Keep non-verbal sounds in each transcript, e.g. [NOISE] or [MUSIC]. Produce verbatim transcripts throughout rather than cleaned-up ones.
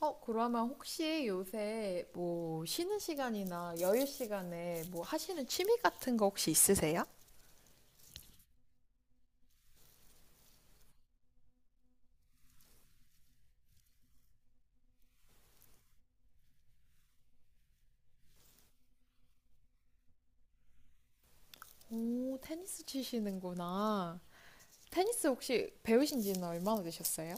어, 그러면 혹시 요새 뭐 쉬는 시간이나 여유 시간에 뭐 하시는 취미 같은 거 혹시 있으세요? 오, 테니스 치시는구나. 테니스 혹시 배우신 지는 얼마나 되셨어요?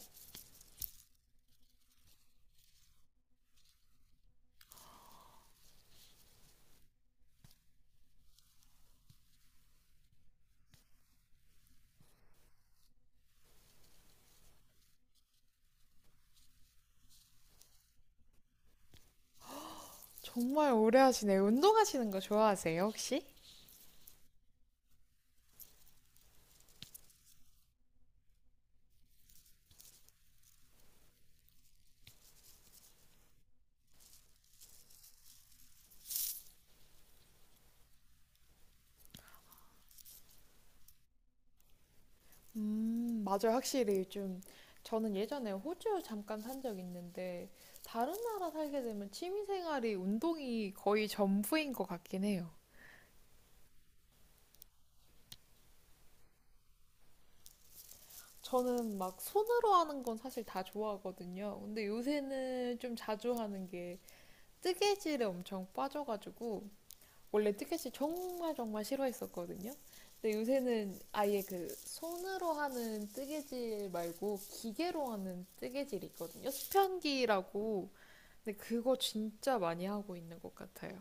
정말 오래 하시네요. 운동하시는 거 좋아하세요, 혹시? 음, 맞아요. 확실히 좀 저는 예전에 호주 잠깐 산 적 있는데 다른 나라 살게 되면 취미 생활이 운동이 거의 전부인 것 같긴 해요. 저는 막 손으로 하는 건 사실 다 좋아하거든요. 근데 요새는 좀 자주 하는 게 뜨개질에 엄청 빠져가지고 원래 뜨개질 정말 정말 싫어했었거든요. 근데 요새는 아예 그 손으로 하는 뜨개질 말고 기계로 하는 뜨개질이 있거든요. 수편기라고. 근데 그거 진짜 많이 하고 있는 것 같아요.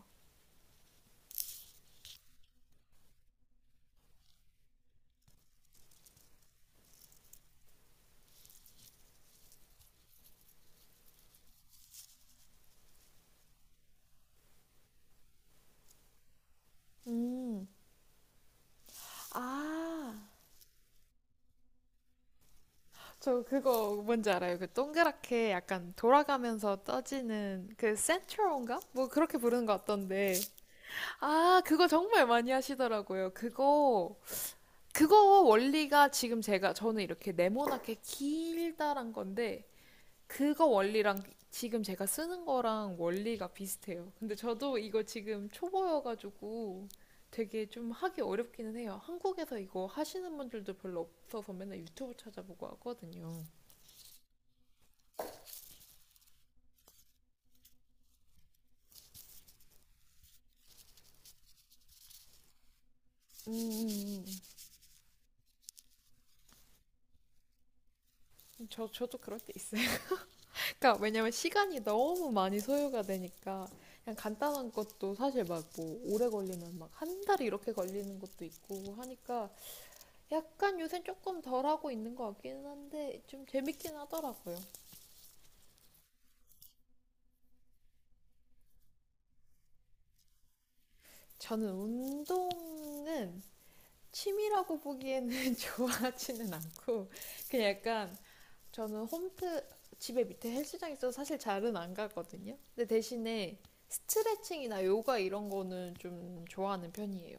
음, 아, 저 그거 뭔지 알아요? 그 동그랗게 약간 돌아가면서 떠지는 그 센트론가? 뭐 그렇게 부르는 것 같던데. 아, 그거 정말 많이 하시더라고요. 그거, 그거 원리가 지금 제가, 저는 이렇게 네모나게 길다란 건데, 그거 원리랑 지금 제가 쓰는 거랑 원리가 비슷해요. 근데 저도 이거 지금 초보여가지고 되게 좀 하기 어렵기는 해요. 한국에서 이거 하시는 분들도 별로 없어서 맨날 유튜브 찾아보고 하거든요. 음, 음, 음. 저, 저도 그럴 때 있어요. [LAUGHS] 그러니까 왜냐면 시간이 너무 많이 소요가 되니까 그냥 간단한 것도 사실 막 뭐 오래 걸리면 막 한 달 이렇게 걸리는 것도 있고 하니까 약간 요새 조금 덜 하고 있는 것 같기는 한데 좀 재밌긴 하더라고요. 저는 운동은 취미라고 보기에는 [LAUGHS] 좋아하지는 않고 그냥 약간 저는 홈트 집에 밑에 헬스장 있어서 사실 잘은 안 가거든요. 근데 대신에 스트레칭이나 요가 이런 거는 좀 좋아하는 편이에요.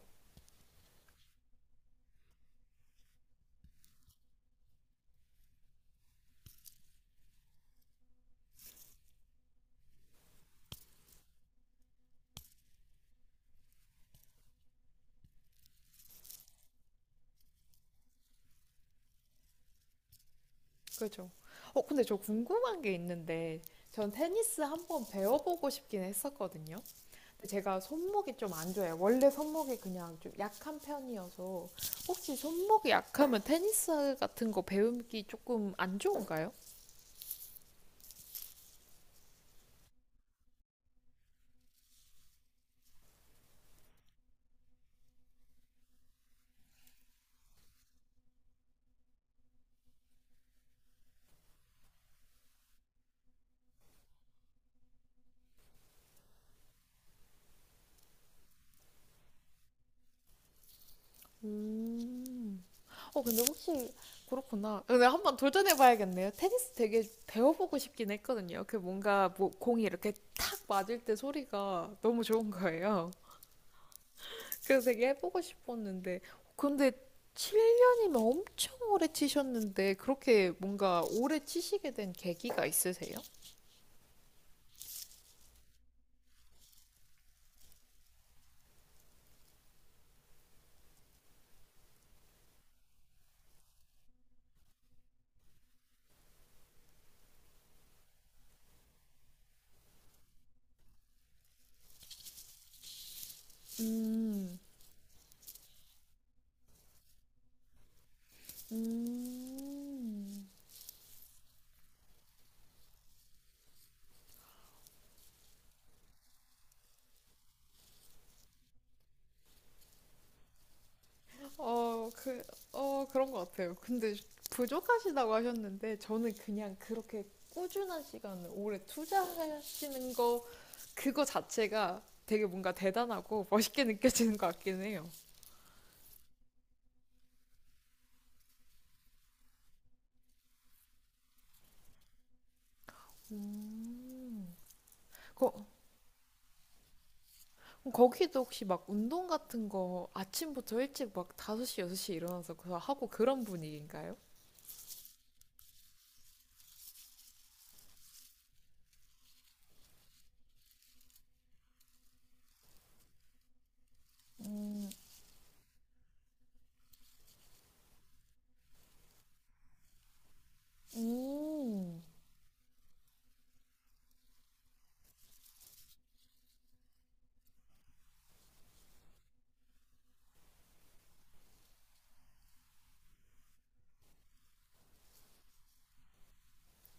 그렇죠. 어, 근데 저 궁금한 게 있는데 전 테니스 한번 배워보고 싶긴 했었거든요. 근데 제가 손목이 좀 안 좋아요. 원래 손목이 그냥 좀 약한 편이어서 혹시 손목이 약하면 테니스 같은 거 배우기 조금 안 좋은가요? 음. 어, 근데 혹시 그렇구나. 근데 한번 도전해 봐야겠네요. 테니스 되게 배워보고 싶긴 했거든요. 그 뭔가 뭐 공이 이렇게 탁 맞을 때 소리가 너무 좋은 거예요. 그래서 되게 해보고 싶었는데. 근데 칠 년이면 엄청 오래 치셨는데 그렇게 뭔가 오래 치시게 된 계기가 있으세요? 음. 음. 어, 그, 어, 그런 것 같아요. 근데 부족하시다고 하셨는데, 저는 그냥 그렇게 꾸준한 시간을 오래 투자하시는 거, 그거 자체가 되게 뭔가 대단하고 멋있게 느껴지는 것 같긴 해요. 음. 거, 거기도 혹시 막 운동 같은 거 아침부터 일찍 막 다섯 시, 여섯 시 일어나서 그거 하고 그런 분위기인가요? 음, 음.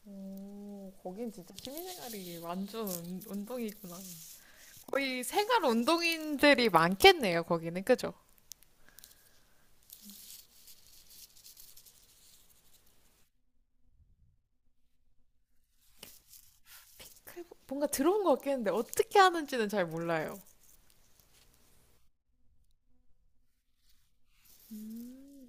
오, 거긴 진짜 취미생활이 완전 운- 운동이구나. 거의 생활 운동인들이 많겠네요, 거기는. 그죠? 그, 뭔가 들어온 것 같겠는데 어떻게 하는지는 잘 몰라요. 음,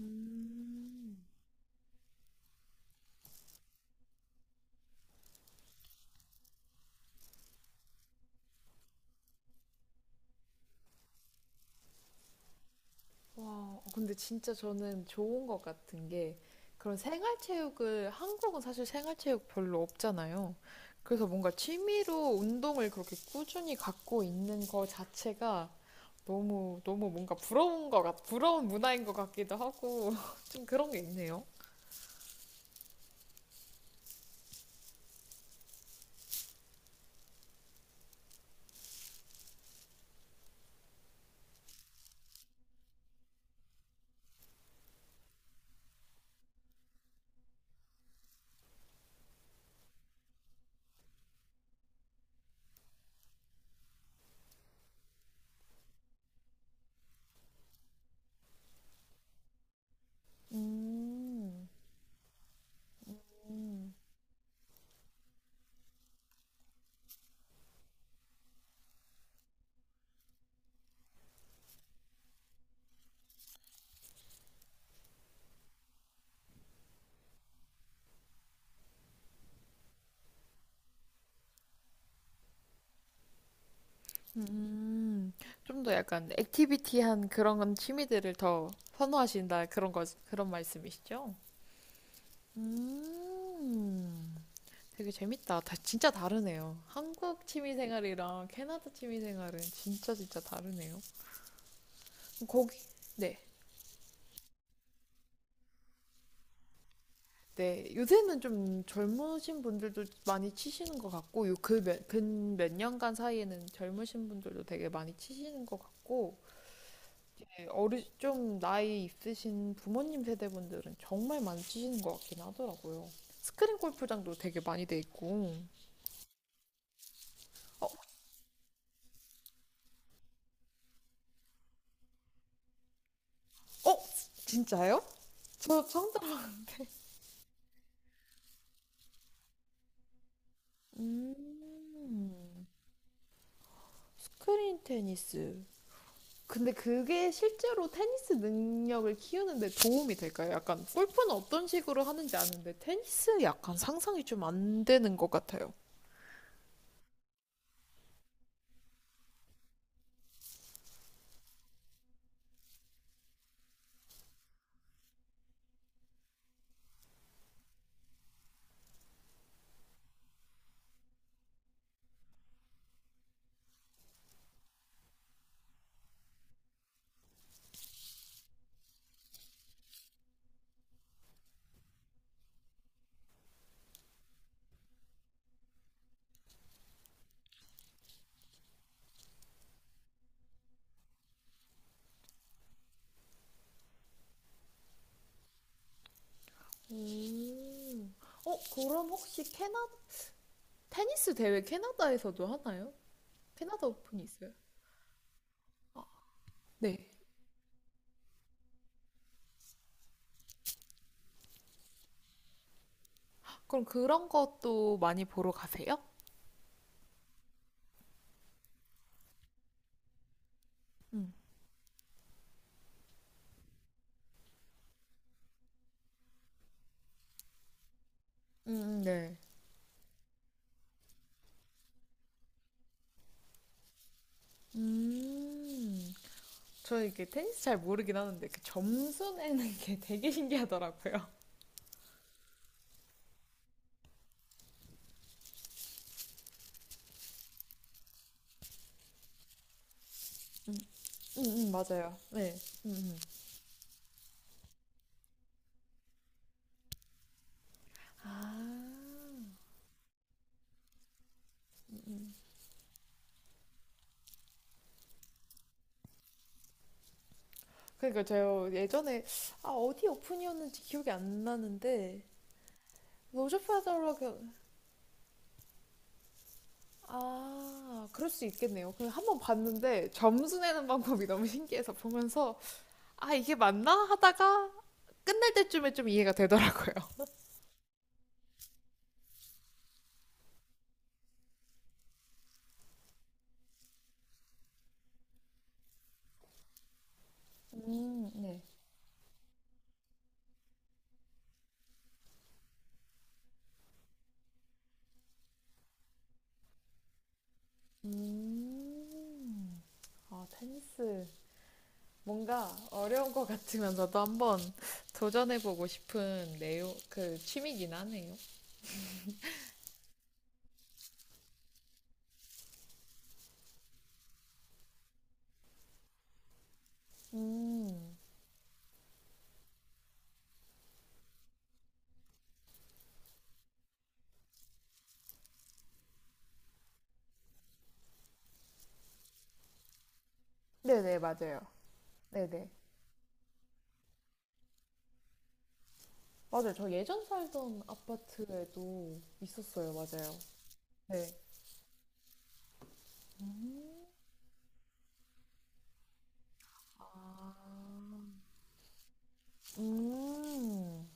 음. 와, 어, 근데 진짜 저는 좋은 것 같은 게 그런 생활체육을 한국은 사실 생활체육 별로 없잖아요. 그래서 뭔가 취미로 운동을 그렇게 꾸준히 갖고 있는 거 자체가 너무 너무 뭔가 부러운 것 같, 부러운 문화인 것 같기도 하고 [LAUGHS] 좀 그런 게 있네요. 음. 음, 좀 더 약간 액티비티한 그런 취미들을 더 선호하신다 그런 거 그런 말씀이시죠? 음, 되게 재밌다. 다, 진짜 다르네요. 한국 취미 생활이랑 캐나다 취미 생활은 진짜 진짜 다르네요. 거기 네. 네, 요새는 좀 젊으신 분들도 많이 치시는 것 같고, 요 그 몇, 근 몇 년간 사이에는 젊으신 분들도 되게 많이 치시는 것 같고, 어르 좀 나이 있으신 부모님 세대분들은 정말 많이 치시는 것 같긴 하더라고요. 스크린 골프장도 되게 많이 돼 있고. 어, 어, 진짜요? 저 상담. 음, 스크린 테니스. 근데 그게 실제로 테니스 능력을 키우는데 도움이 될까요? 약간 골프는 어떤 식으로 하는지 아는데 테니스 약간 상상이 좀 안 되는 것 같아요. 음. 어, 그럼 혹시 캐나 테니스 대회 캐나다에서도 하나요? 캐나다 오픈이 있어요. 네. 그럼 그런 것도 많이 보러 가세요? 음. 음, 네. 음. 저 이게 테니스 잘 모르긴 하는데 그 점수 내는 [LAUGHS] 게 되게 신기하더라고요. [LAUGHS] 음, 음, 맞아요. 네. 음, 음. 아. 그러니까 제가 예전에 아 어디 오픈이었는지 기억이 안 나는데 로저파더러고아 그럴 수 있겠네요. 그냥 한번 봤는데 점수 내는 방법이 너무 신기해서 보면서 아 이게 맞나 하다가 끝날 때쯤에 좀 이해가 되더라고요. 음, 네. 음, 아, 테니스. 뭔가 어려운 것 같으면서도 한번 [LAUGHS] 도전해보고 싶은 내용, 그 취미긴 하네요. 음, 네네, 맞아요. 네네. 맞아요. 저 예전 살던 아파트에도 있었어요. 맞아요. 네. 아, 음,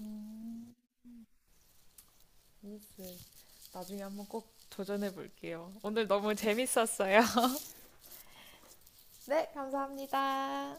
음, 테니스. 나중에 한번 꼭 도전해볼게요. 오늘 너무 재밌었어요. 네, 감사합니다.